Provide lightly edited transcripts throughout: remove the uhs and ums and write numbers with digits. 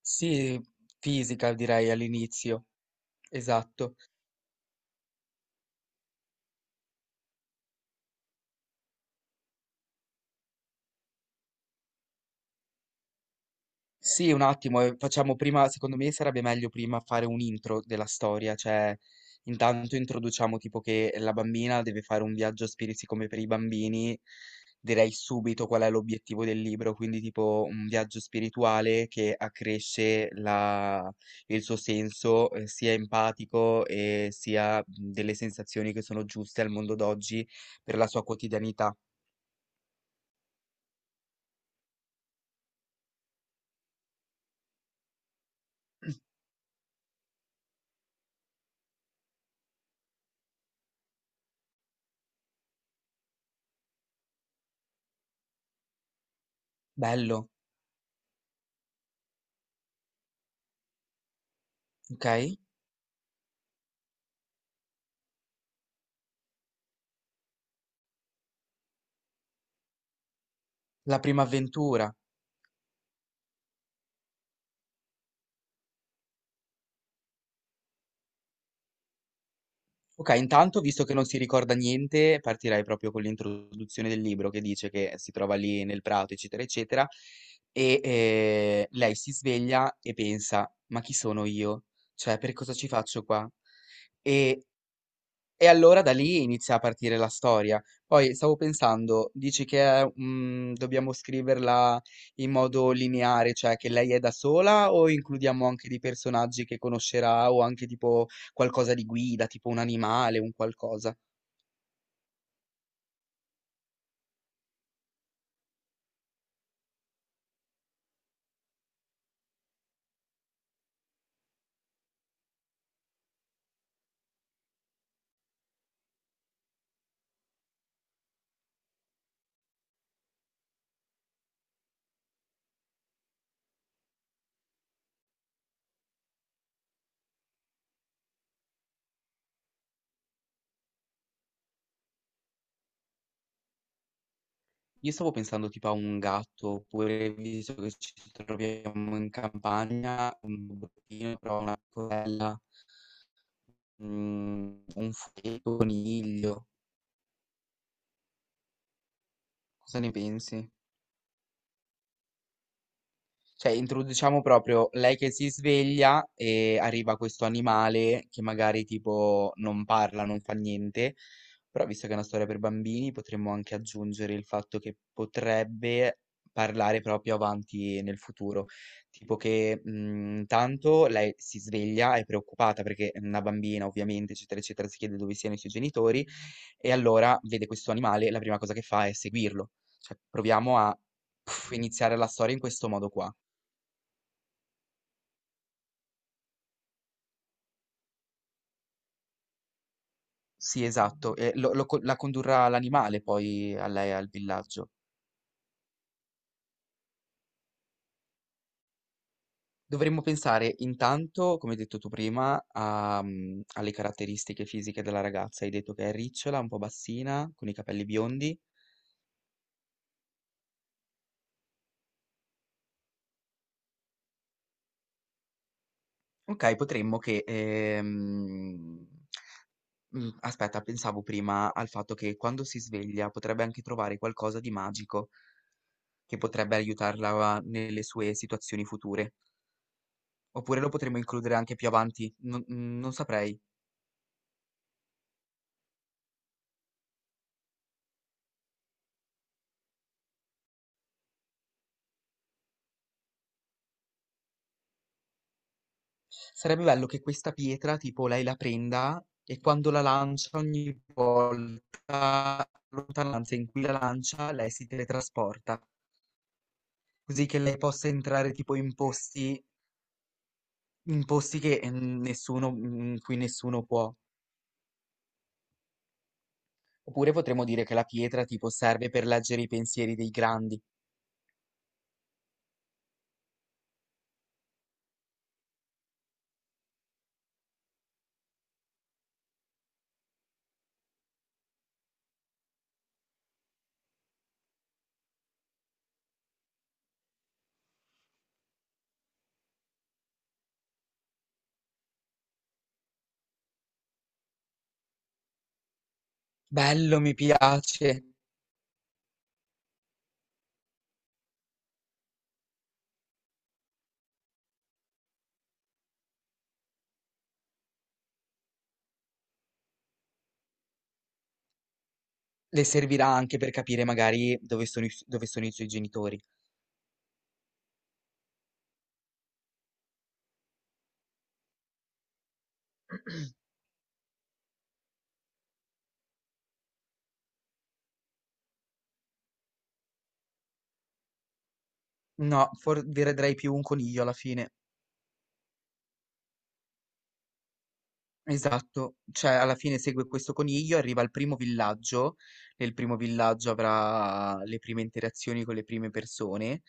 Sì, fisica direi all'inizio, esatto. Sì, un attimo, facciamo prima, secondo me sarebbe meglio prima fare un intro della storia, cioè intanto introduciamo tipo che la bambina deve fare un viaggio a spiriti come per i bambini, direi subito qual è l'obiettivo del libro, quindi tipo un viaggio spirituale che accresce il suo senso sia empatico e sia delle sensazioni che sono giuste al mondo d'oggi per la sua quotidianità. Bello. Ok, la prima avventura. Ok, intanto, visto che non si ricorda niente, partirei proprio con l'introduzione del libro che dice che si trova lì nel prato, eccetera, eccetera, e lei si sveglia e pensa, ma chi sono io? Cioè, per cosa ci faccio qua? E E allora da lì inizia a partire la storia. Poi stavo pensando, dici che è, dobbiamo scriverla in modo lineare, cioè che lei è da sola o includiamo anche dei personaggi che conoscerà o anche tipo qualcosa di guida, tipo un animale, un qualcosa. Io stavo pensando tipo a un gatto, oppure visto che ci troviamo in campagna, un bottino, però una corella, un fuoco, coniglio. Cosa ne pensi? Cioè, introduciamo proprio lei che si sveglia e arriva questo animale che magari tipo non parla, non fa niente, però visto che è una storia per bambini, potremmo anche aggiungere il fatto che potrebbe parlare proprio avanti nel futuro, tipo che intanto lei si sveglia, è preoccupata perché è una bambina ovviamente, eccetera, eccetera, si chiede dove siano i suoi genitori e allora vede questo animale, e la prima cosa che fa è seguirlo. Cioè, proviamo a iniziare la storia in questo modo qua. Sì, esatto, e la condurrà l'animale poi a lei al villaggio. Dovremmo pensare intanto, come hai detto tu prima, a, alle caratteristiche fisiche della ragazza. Hai detto che è ricciola, un po' bassina, con i capelli biondi. Ok, potremmo che... Aspetta, pensavo prima al fatto che quando si sveglia potrebbe anche trovare qualcosa di magico che potrebbe aiutarla nelle sue situazioni future. Oppure lo potremmo includere anche più avanti, non saprei. Sarebbe bello che questa pietra, tipo, lei la prenda e quando la lancia, ogni volta, la lontananza in cui la lancia, lei si teletrasporta, così che lei possa entrare tipo in posti che nessuno, in cui nessuno può. Oppure potremmo dire che la pietra tipo serve per leggere i pensieri dei grandi. Bello, mi piace. Le servirà anche per capire magari dove sono i suoi genitori. No, vedrei più un coniglio alla fine. Esatto, cioè alla fine segue questo coniglio, arriva al primo villaggio, nel primo villaggio avrà le prime interazioni con le prime persone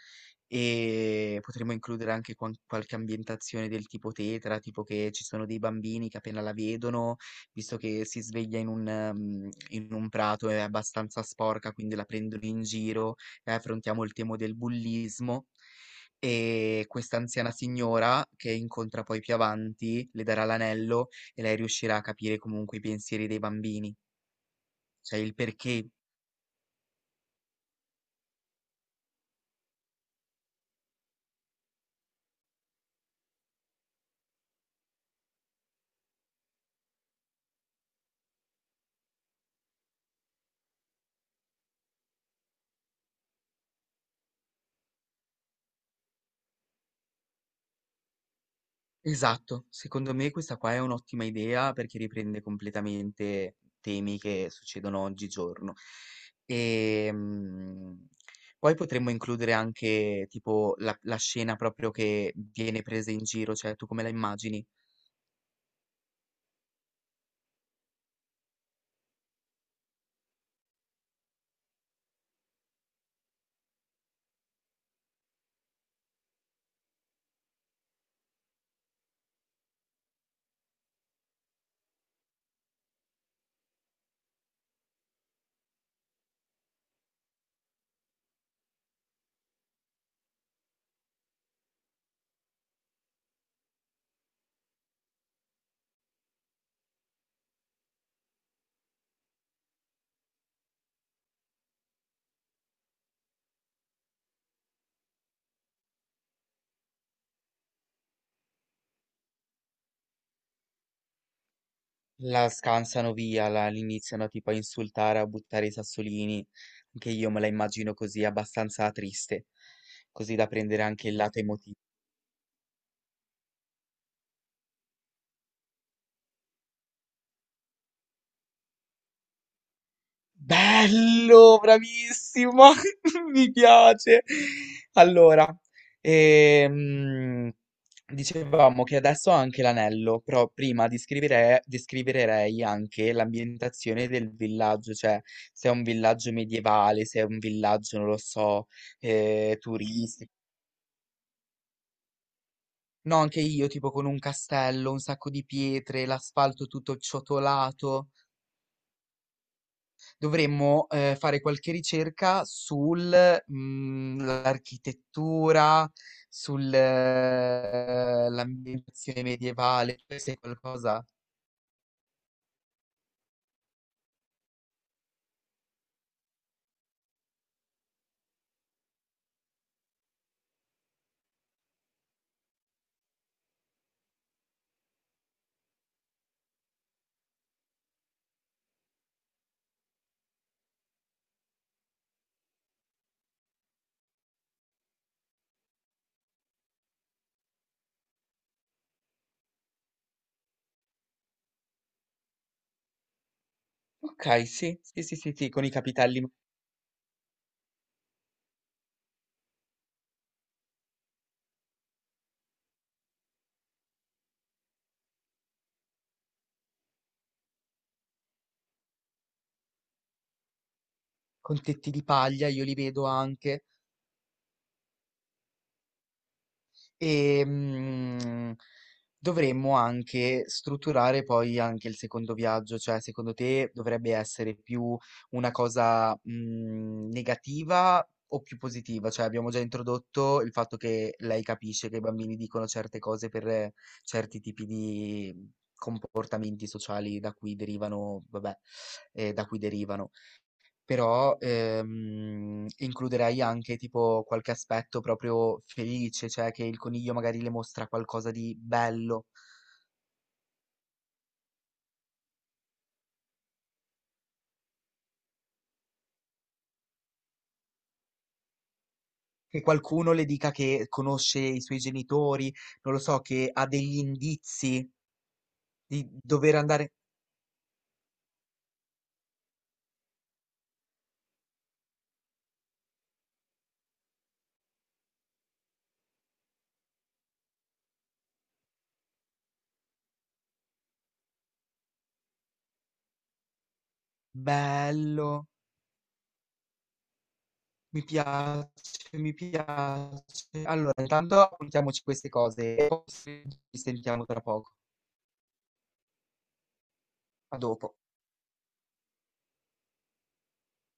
e potremo includere anche qualche ambientazione del tipo tetra, tipo che ci sono dei bambini che appena la vedono, visto che si sveglia in un prato è abbastanza sporca, quindi la prendono in giro e affrontiamo il tema del bullismo. E questa anziana signora che incontra poi più avanti le darà l'anello e lei riuscirà a capire comunque i pensieri dei bambini, cioè il perché. Esatto, secondo me questa qua è un'ottima idea perché riprende completamente temi che succedono oggigiorno. E poi potremmo includere anche tipo la scena proprio che viene presa in giro, cioè tu come la immagini? La scansano via, l'iniziano tipo a insultare, a buttare i sassolini. Anche io me la immagino così, abbastanza triste, così da prendere anche il lato emotivo. Bello, bravissimo, mi piace. Allora, ehm, dicevamo che adesso ho anche l'anello, però prima descriverei anche l'ambientazione del villaggio, cioè se è un villaggio medievale, se è un villaggio, non lo so, turistico. No, anche io, tipo con un castello, un sacco di pietre, l'asfalto tutto ciotolato. Dovremmo fare qualche ricerca sull'architettura, sull'ambientazione medievale, se è qualcosa. Ok, sì, sì, sì, sì, sì, con i capitelli, con tetti di paglia, io li vedo anche. E dovremmo anche strutturare poi anche il secondo viaggio, cioè secondo te dovrebbe essere più una cosa negativa o più positiva? Cioè abbiamo già introdotto il fatto che lei capisce che i bambini dicono certe cose per certi tipi di comportamenti sociali da cui derivano, vabbè, da cui derivano. Però, includerei anche tipo qualche aspetto proprio felice, cioè che il coniglio magari le mostra qualcosa di bello, che qualcuno le dica che conosce i suoi genitori, non lo so, che ha degli indizi di dover andare. Bello, mi piace, mi piace. Allora, intanto appuntiamoci queste cose e poi ci sentiamo tra poco. A dopo.